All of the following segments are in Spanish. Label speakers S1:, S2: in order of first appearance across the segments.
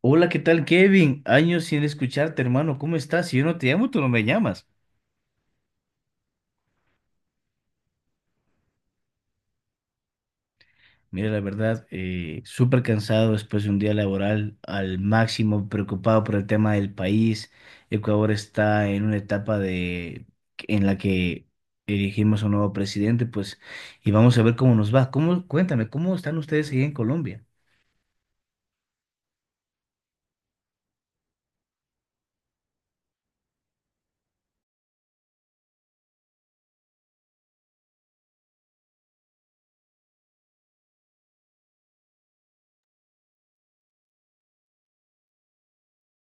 S1: Hola, ¿qué tal, Kevin? Años sin escucharte, hermano. ¿Cómo estás? Si yo no te llamo, tú no me llamas. Mira, la verdad, súper cansado después de un día laboral al máximo, preocupado por el tema del país. Ecuador está en una etapa en la que elegimos a un nuevo presidente, pues, y vamos a ver cómo nos va. Cuéntame, ¿cómo están ustedes ahí en Colombia?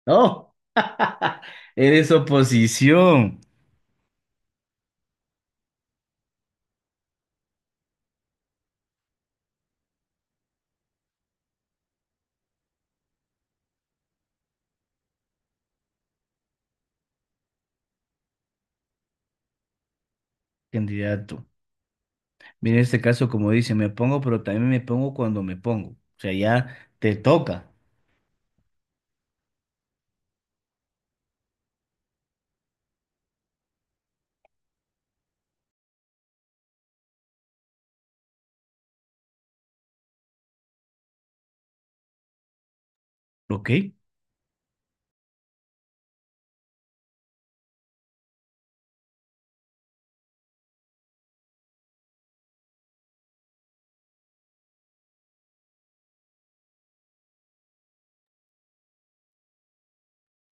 S1: ¡Oh! Eres oposición, candidato. Mira, en este caso, como dice, me pongo, pero también me pongo cuando me pongo. O sea, ya te toca. Ok,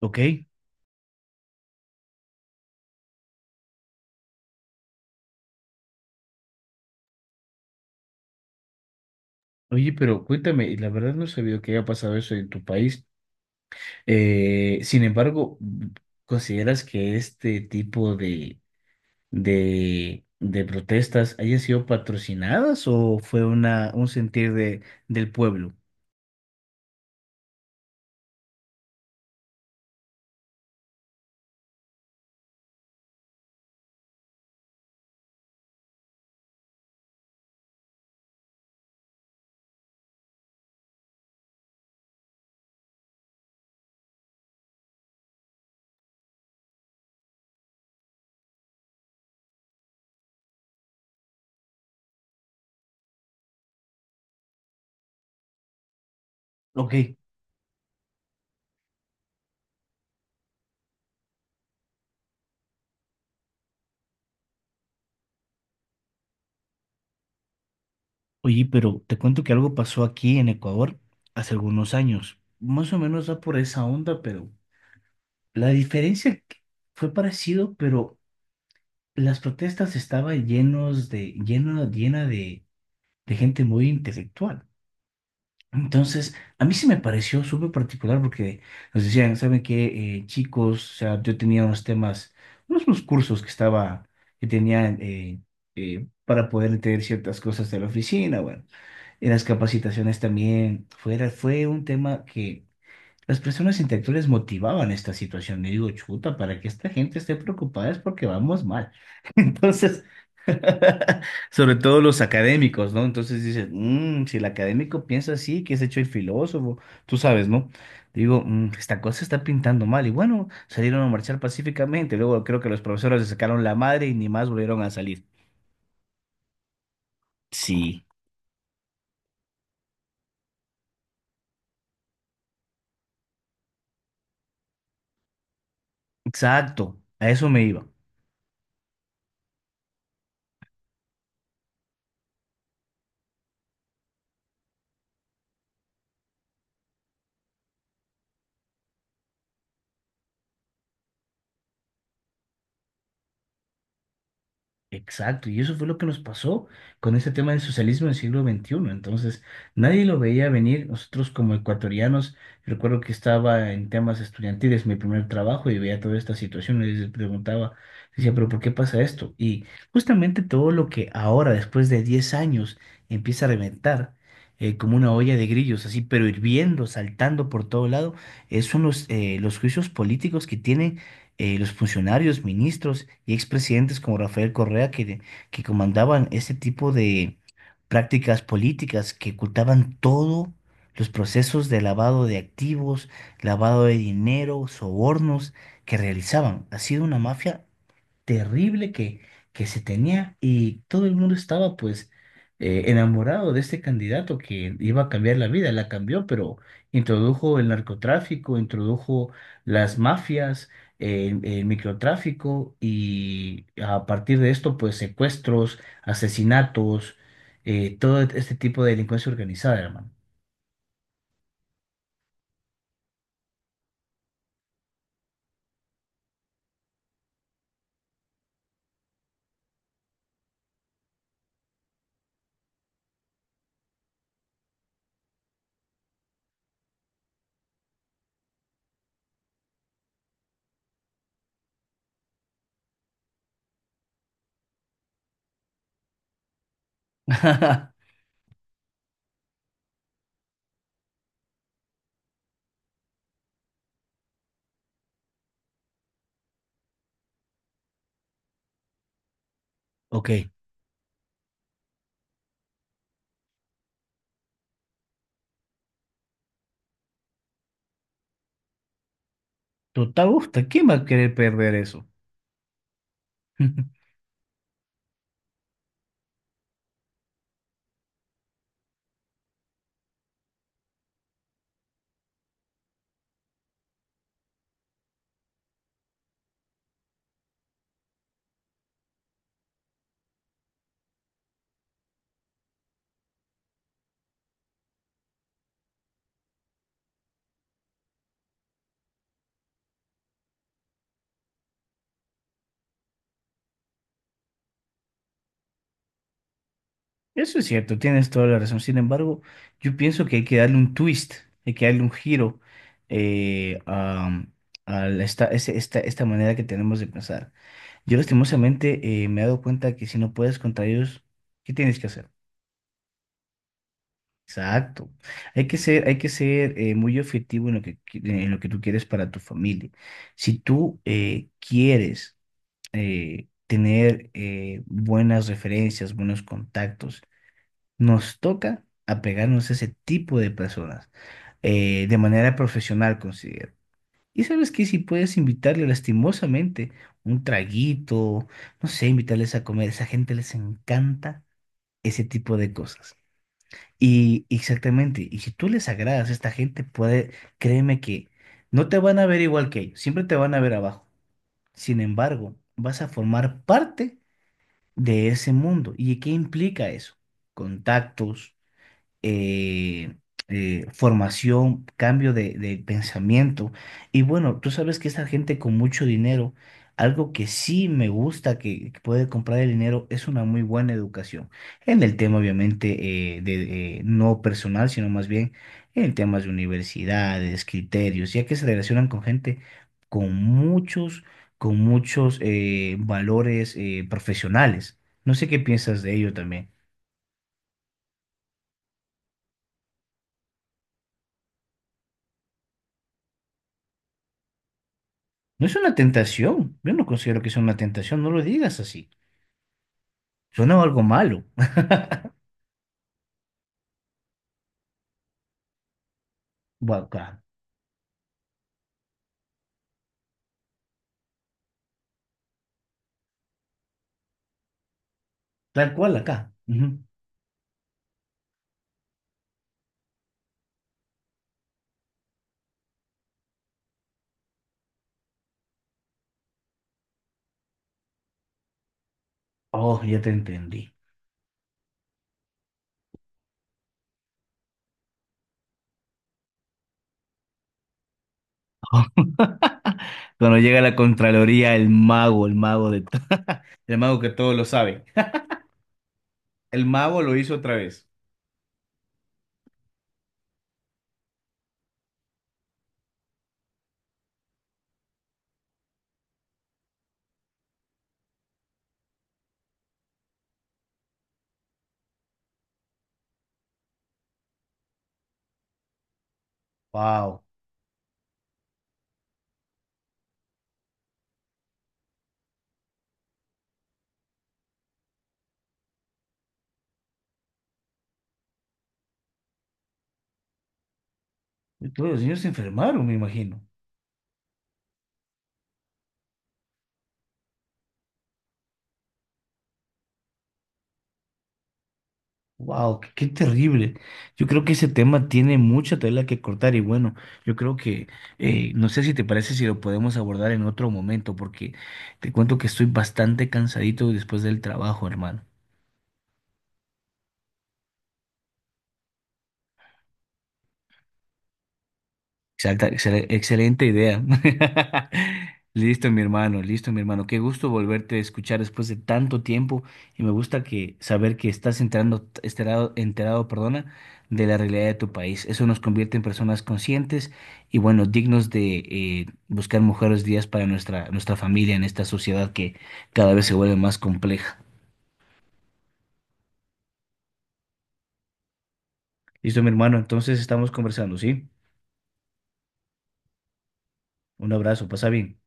S1: ok. Oye, pero cuéntame, y la verdad no sabía que haya pasado eso en tu país. Sin embargo, ¿consideras que este tipo de protestas hayan sido patrocinadas o fue un sentir de, del pueblo? Ok, oye, pero te cuento que algo pasó aquí en Ecuador hace algunos años. Más o menos va por esa onda, pero… La diferencia que- Fue parecido, pero las protestas estaban llenos de, lleno, llena de gente muy intelectual. Entonces, a mí sí me pareció súper particular porque nos decían: "¿Saben qué, chicos?". O sea, yo tenía unos temas, unos cursos que tenía para poder entender ciertas cosas de la oficina, bueno, en las capacitaciones también. Fue un tema que las personas intelectuales motivaban esta situación. Y digo, chuta, para que esta gente esté preocupada es porque vamos mal. Entonces, sobre todo los académicos, ¿no? Entonces dices: "Mm, si el académico piensa así, que es hecho el filósofo, tú sabes, ¿no?". Digo: "Mm, esta cosa está pintando mal". Y bueno, salieron a marchar pacíficamente. Luego creo que los profesores les sacaron la madre y ni más volvieron a salir. Sí, exacto. A eso me iba. Exacto, y eso fue lo que nos pasó con ese tema del socialismo del siglo XXI. Entonces, nadie lo veía venir. Nosotros como ecuatorianos, recuerdo que estaba en temas estudiantiles, mi primer trabajo, y veía toda esta situación y les preguntaba, decía, pero ¿por qué pasa esto? Y justamente todo lo que ahora, después de 10 años, empieza a reventar como una olla de grillos, así, pero hirviendo, saltando por todo lado, son los juicios políticos que tienen los funcionarios, ministros y expresidentes como Rafael Correa que comandaban este tipo de prácticas políticas que ocultaban todo los procesos de lavado de activos, lavado de dinero, sobornos que realizaban. Ha sido una mafia terrible que se tenía y todo el mundo estaba pues enamorado de este candidato que iba a cambiar la vida, la cambió, pero introdujo el narcotráfico, introdujo las mafias, el microtráfico, y a partir de esto pues secuestros, asesinatos, todo este tipo de delincuencia organizada, hermano. Ok, total, gusta, ¿quién va a querer perder eso? Eso es cierto, tienes toda la razón. Sin embargo, yo pienso que hay que darle un twist, hay que darle un giro eh, a, a esta manera que tenemos de pensar. Yo lastimosamente me he dado cuenta que si no puedes contra ellos, ¿qué tienes que hacer? Exacto. Hay que ser muy objetivo en lo que, qui- en lo que tú quieres para tu familia. Si tú quieres tener buenas referencias, buenos contactos, nos toca apegarnos a ese tipo de personas de manera profesional, considero. Y sabes que si puedes invitarle lastimosamente un traguito, no sé, invitarles a comer, esa gente les encanta ese tipo de cosas. Y exactamente, y si tú les agradas a esta gente, puede, créeme que no te van a ver igual que ellos, siempre te van a ver abajo. Sin embargo, vas a formar parte de ese mundo. ¿Y qué implica eso? Contactos, eh, formación, cambio de pensamiento. Y bueno, tú sabes que esta gente con mucho dinero, algo que sí me gusta que puede comprar el dinero es una muy buena educación. En el tema, obviamente, no personal, sino más bien en temas de universidades, criterios, ya que se relacionan con gente con muchos, con muchos valores profesionales. No sé qué piensas de ello también. No es una tentación. Yo no considero que sea una tentación. No lo digas así. Suena algo malo. Bueno, acá. Tal cual acá. Ujú. Oh, ya te entendí. Cuando llega la Contraloría, el mago, el mago que todo lo sabe. El mago lo hizo otra vez. Wow. Todos los niños se enfermaron, me imagino. Wow, qué, qué terrible. Yo creo que ese tema tiene mucha tela que cortar y bueno, yo creo que no sé si te parece si lo podemos abordar en otro momento porque te cuento que estoy bastante cansadito después del trabajo, hermano. Excelente idea. Listo, mi hermano, listo, mi hermano. Qué gusto volverte a escuchar después de tanto tiempo y me gusta que saber que estás enterado, perdona, de la realidad de tu país. Eso nos convierte en personas conscientes y bueno, dignos de buscar mejores días para nuestra familia en esta sociedad que cada vez se vuelve más compleja. Listo, mi hermano, entonces estamos conversando, ¿sí? Un abrazo, pasa bien.